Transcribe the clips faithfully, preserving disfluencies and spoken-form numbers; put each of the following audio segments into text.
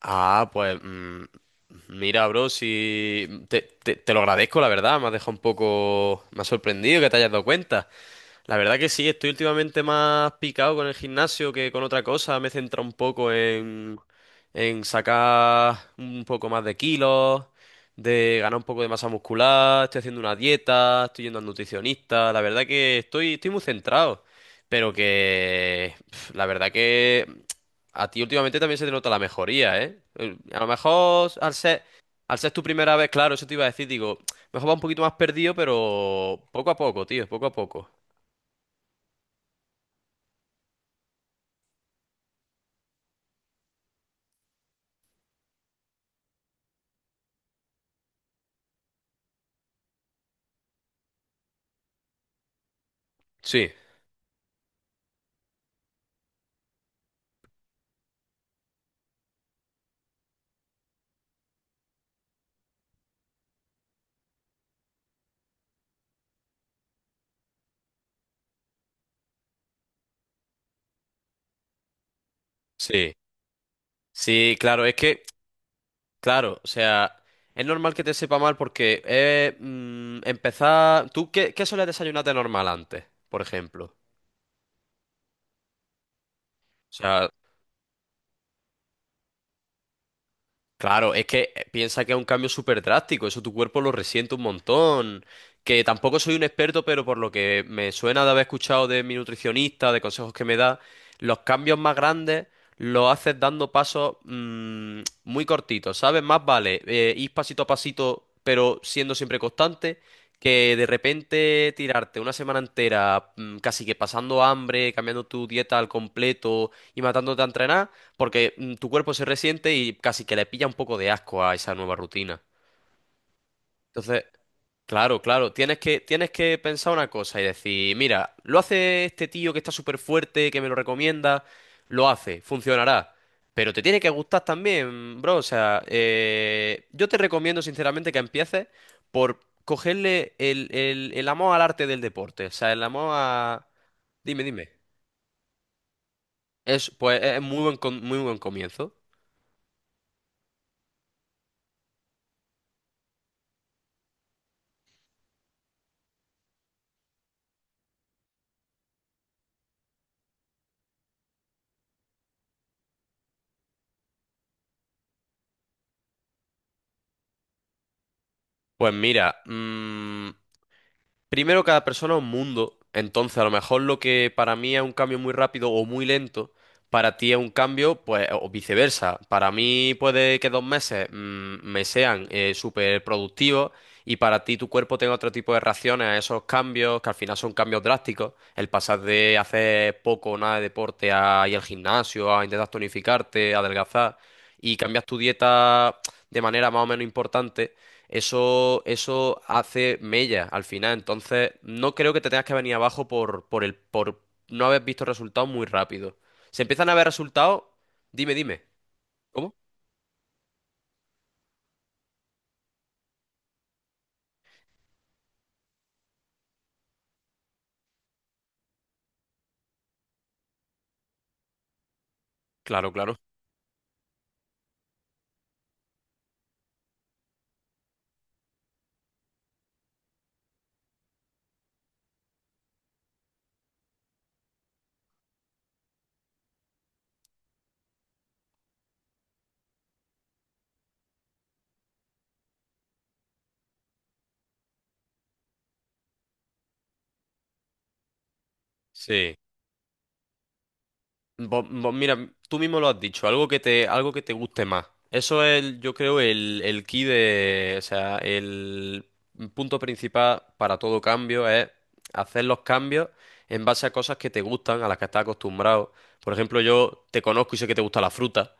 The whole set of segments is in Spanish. Ah, pues mm, mira, bro, si te, te- te lo agradezco, la verdad, me has dejado un poco, me ha sorprendido que te hayas dado cuenta. La verdad que sí, estoy últimamente más picado con el gimnasio que con otra cosa. Me he centrado un poco en, en sacar un poco más de kilos, de ganar un poco de masa muscular, estoy haciendo una dieta, estoy yendo al nutricionista. La verdad que estoy, estoy muy centrado. Pero que pf, la verdad que a ti últimamente también se te nota la mejoría, ¿eh? Eh, A lo mejor al ser, al ser tu primera vez, claro, eso te iba a decir, digo, mejor va un poquito más perdido, pero poco a poco, tío, poco a poco. Sí, sí, sí, claro, es que, claro, o sea, es normal que te sepa mal porque eh, mm, empezar. ¿Tú qué, qué sueles desayunar de normal antes, por ejemplo? O sea, Claro, es que eh, piensa que es un cambio súper drástico, eso tu cuerpo lo resiente un montón. Que tampoco soy un experto, pero por lo que me suena de haber escuchado de mi nutricionista, de consejos que me da, los cambios más grandes los haces dando pasos mm, muy cortitos, ¿sabes? Más vale eh, ir pasito a pasito, pero siendo siempre constante, que de repente tirarte una semana entera mm, casi que pasando hambre, cambiando tu dieta al completo y matándote a entrenar porque mm, tu cuerpo se resiente y casi que le pilla un poco de asco a esa nueva rutina. Entonces, claro, claro, tienes que, tienes que pensar una cosa y decir, mira, lo hace este tío que está súper fuerte, que me lo recomienda, lo hace, funcionará. Pero te tiene que gustar también, bro. O sea, eh, yo te recomiendo sinceramente que empieces por cogerle el, el, el amor al arte del deporte. O sea, el amor a. Dime, dime. Es, pues, es muy buen, com- muy buen comienzo. Pues mira, mm, Primero, cada persona es un mundo. Entonces, a lo mejor lo que para mí es un cambio muy rápido o muy lento, para ti es un cambio, pues, o viceversa. Para mí puede que dos meses mm, me sean eh, súper productivos y para ti tu cuerpo tenga otro tipo de reacciones a esos cambios, que al final son cambios drásticos. El pasar de hacer poco o nada de deporte a ir al gimnasio, a intentar tonificarte, a adelgazar y cambias tu dieta de manera más o menos importante, eso, eso hace mella al final. Entonces, no creo que te tengas que venir abajo por, por el, por no haber visto resultados muy rápido. Se empiezan a ver resultados. Dime, dime. ¿Cómo? Claro, claro. Sí. Vos- vos mira, tú mismo lo has dicho, algo que te, algo que te guste más. Eso es, el- yo creo, el, el key de, o sea, el punto principal para todo cambio es hacer los cambios en base a cosas que te gustan, a las que estás acostumbrado. Por ejemplo, yo te conozco y sé que te gusta la fruta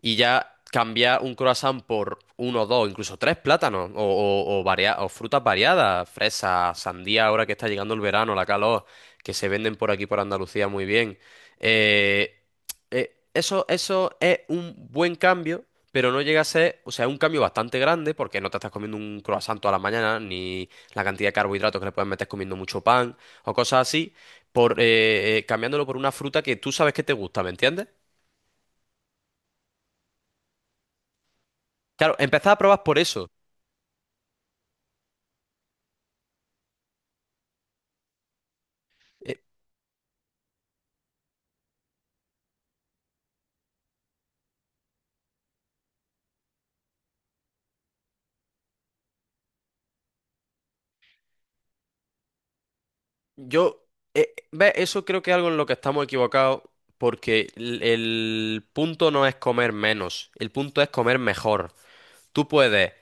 y ya cambiar un croissant por uno, dos, incluso tres plátanos o, o, o varia- o frutas variadas, fresas, sandía, ahora que está llegando el verano, la calor, que se venden por aquí por Andalucía muy bien. Eh, eh, eso, eso es un buen cambio. Pero no llega a ser, o sea, es un cambio bastante grande porque no te estás comiendo un croissant toda la mañana, ni la cantidad de carbohidratos que le puedes meter comiendo mucho pan o cosas así, por eh, eh, cambiándolo por una fruta que tú sabes que te gusta, ¿me entiendes? Claro, empezar a probar por eso. Eh, Yo, eh, ve, Eso creo que es algo en lo que estamos equivocados, porque el, el punto no es comer menos, el punto es comer mejor. Tú puedes,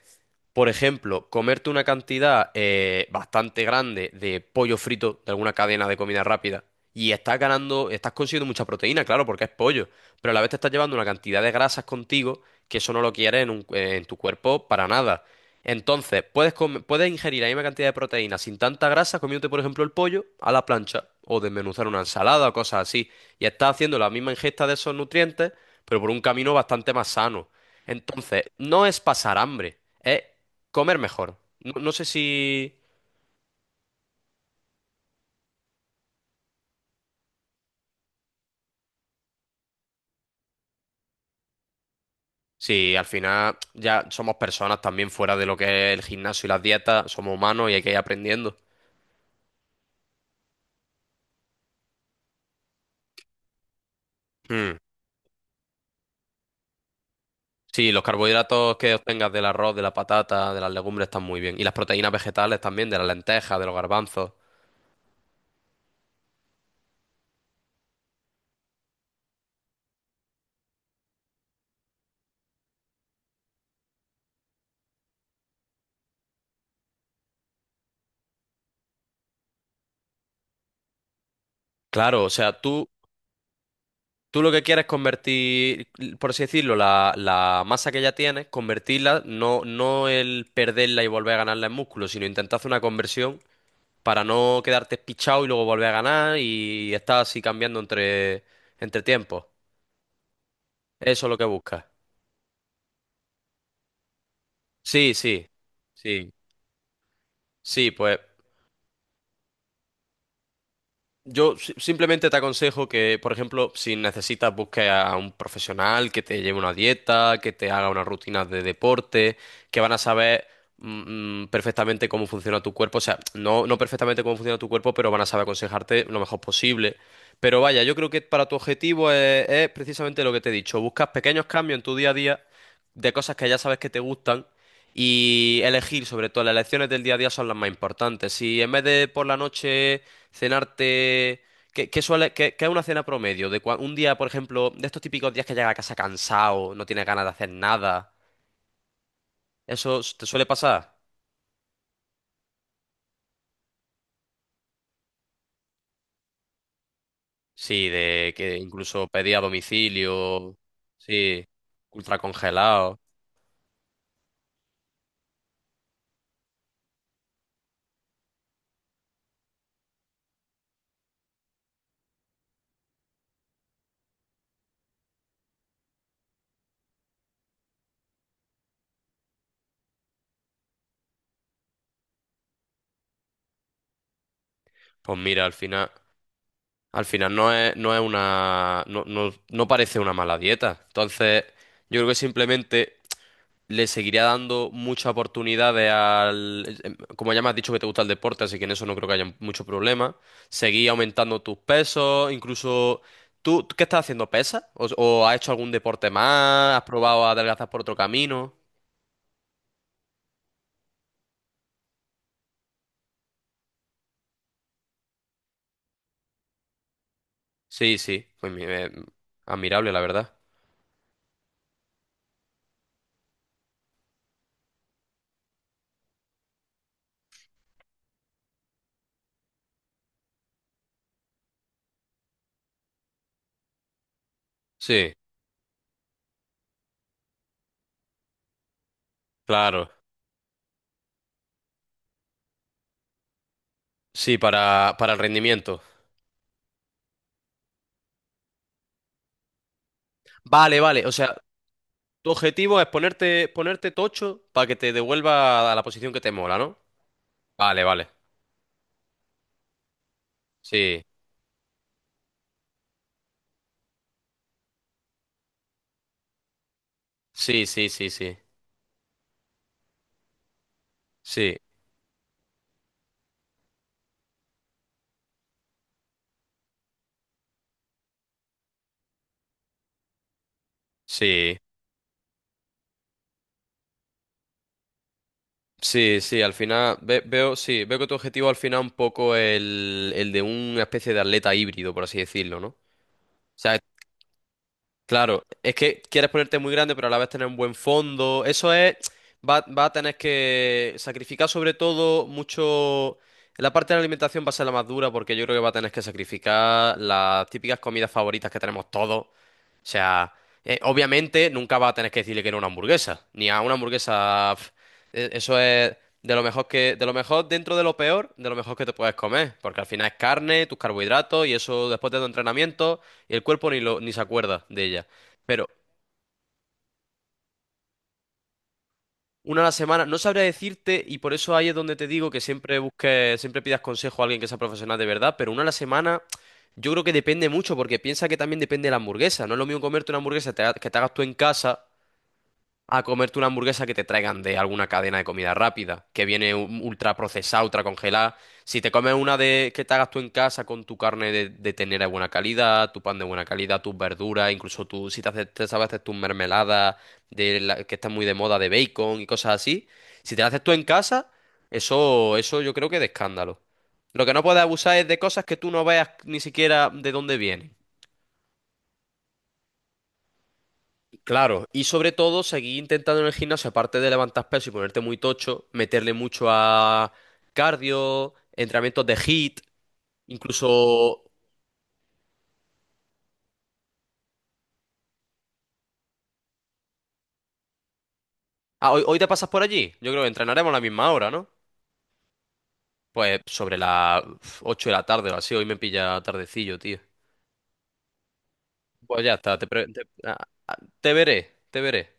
por ejemplo, comerte una cantidad eh, bastante grande de pollo frito de alguna cadena de comida rápida y estás ganando, estás consiguiendo mucha proteína, claro, porque es pollo, pero a la vez te estás llevando una cantidad de grasas contigo que eso no lo quieres en, un- eh, en tu cuerpo para nada. Entonces, puedes, come- puedes ingerir la misma cantidad de proteína sin tanta grasa comiéndote, por ejemplo, el pollo a la plancha o desmenuzar una ensalada o cosas así. Y estás haciendo la misma ingesta de esos nutrientes, pero por un camino bastante más sano. Entonces, no es pasar hambre, es Comer mejor. No, no sé si, si al final ya somos personas también fuera de lo que es el gimnasio y las dietas, somos humanos y hay que ir aprendiendo. Mm. Sí, los carbohidratos que obtengas del arroz, de la patata, de las legumbres están muy bien. Y las proteínas vegetales también, de las lentejas, de los garbanzos. Claro, o sea, tú, tú lo que quieres es convertir, por así decirlo, la, la masa que ya tienes, convertirla, no, no el perderla y volver a ganarla en músculo, sino intentar hacer una conversión para no quedarte pichado y luego volver a ganar y estar así cambiando entre, entre tiempos. Eso es lo que buscas. Sí, sí, sí, sí, pues Yo si- simplemente te aconsejo que, por ejemplo, si necesitas, busques a un profesional que te lleve una dieta, que te haga unas rutinas de deporte, que van a saber mm, mm, perfectamente cómo funciona tu cuerpo. O sea, no, no perfectamente cómo funciona tu cuerpo, pero van a saber aconsejarte lo mejor posible. Pero vaya, yo creo que para tu objetivo es, es precisamente lo que te he dicho. Buscas pequeños cambios en tu día a día de cosas que ya sabes que te gustan. Y elegir, sobre todo, las elecciones del día a día son las más importantes. Si en vez de por la noche cenarte. ¿Qué, qué suele, qué, qué es una cena promedio? De cua- un día, por ejemplo, de estos típicos días que llegas a casa cansado, no tienes ganas de hacer nada. ¿Eso s- te suele pasar? Sí, de que incluso pedí a domicilio. Sí, ultra congelado. Pues mira, al final, al final no es, no es una, no, no, no parece una mala dieta. Entonces, yo creo que simplemente le seguiría dando muchas oportunidades al. em, Como ya me has dicho que te gusta el deporte, así que en eso no creo que haya mucho problema. Seguí aumentando tus pesos, incluso. ¿Tú tú qué estás haciendo? ¿Pesas? ¿O, o has hecho algún deporte más? ¿Has probado a adelgazar por otro camino? Sí, sí, pues mi- eh, admirable, la verdad. Sí, claro. Sí, para, para el rendimiento. Vale, vale. O sea, tu objetivo es ponerte, ponerte tocho para que te devuelva a la posición que te mola, ¿no? Vale, vale. Sí. Sí, sí, sí, sí. Sí, sí. Sí, sí, al final ve- veo, sí, veo que tu objetivo al final es un poco el, el de una especie de atleta híbrido, por así decirlo, ¿no? O sea, claro, es que quieres ponerte muy grande, pero a la vez tener un buen fondo. Eso es, va, va a tener que sacrificar sobre todo mucho. La parte de la alimentación va a ser la más dura porque yo creo que va a tener que sacrificar las típicas comidas favoritas que tenemos todos. O sea, eh, obviamente nunca vas a tener que decirle que no a una hamburguesa, ni a una hamburguesa. pf, e- Eso es de lo mejor que, de lo mejor dentro de lo peor, de lo mejor que te puedes comer, porque al final es carne, tus carbohidratos y eso después de tu entrenamiento y el cuerpo ni lo, ni se acuerda de ella. Pero una a la semana no sabría decirte y por eso ahí es donde te digo que siempre busques, siempre pidas consejo a alguien que sea profesional de verdad, pero una a la semana. Yo creo que depende mucho, porque piensa que también depende de la hamburguesa. No es lo mismo comerte una hamburguesa te ha- que te hagas tú en casa a comerte una hamburguesa que te traigan de alguna cadena de comida rápida, que viene un- ultra procesada, ultra congelada. Si te comes una de que te hagas tú en casa con tu carne de, de ternera de buena calidad, tu pan de buena calidad, tus verduras, incluso tú, si te, haces, te sabes hacer tus mermeladas de la- que están muy de moda de bacon y cosas así, si te las haces tú en casa, eso, eso yo creo que es de escándalo. Lo que no puedes abusar es de cosas que tú no veas ni siquiera de dónde vienen. Claro, y sobre todo seguir intentando en el gimnasio, aparte de levantar peso y ponerte muy tocho, meterle mucho a cardio, entrenamientos de HIIT, incluso. Ah, hoy, hoy te pasas por allí. Yo creo que entrenaremos a la misma hora, ¿no? Pues sobre las ocho de la tarde o así, hoy me pilla tardecillo, tío. Pues ya está, te, pre- te- ah, ah, te veré, te veré.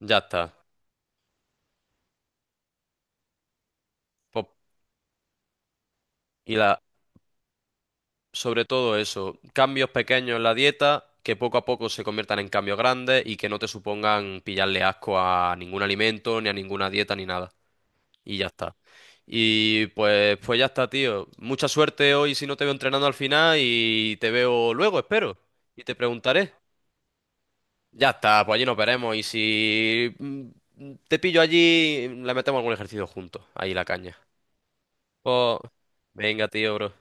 Ya está. Pues, y la... sobre todo eso, cambios pequeños en la dieta que poco a poco se conviertan en cambios grandes y que no te supongan pillarle asco a ningún alimento, ni a ninguna dieta, ni nada. Y ya está. Y pues, pues ya está, tío. Mucha suerte hoy si no te veo entrenando al final y te veo luego, espero. Y te preguntaré. Ya está, pues allí nos veremos. Y si mm, te pillo allí, le metemos algún ejercicio juntos. Ahí la caña. Pues venga, tío, bro.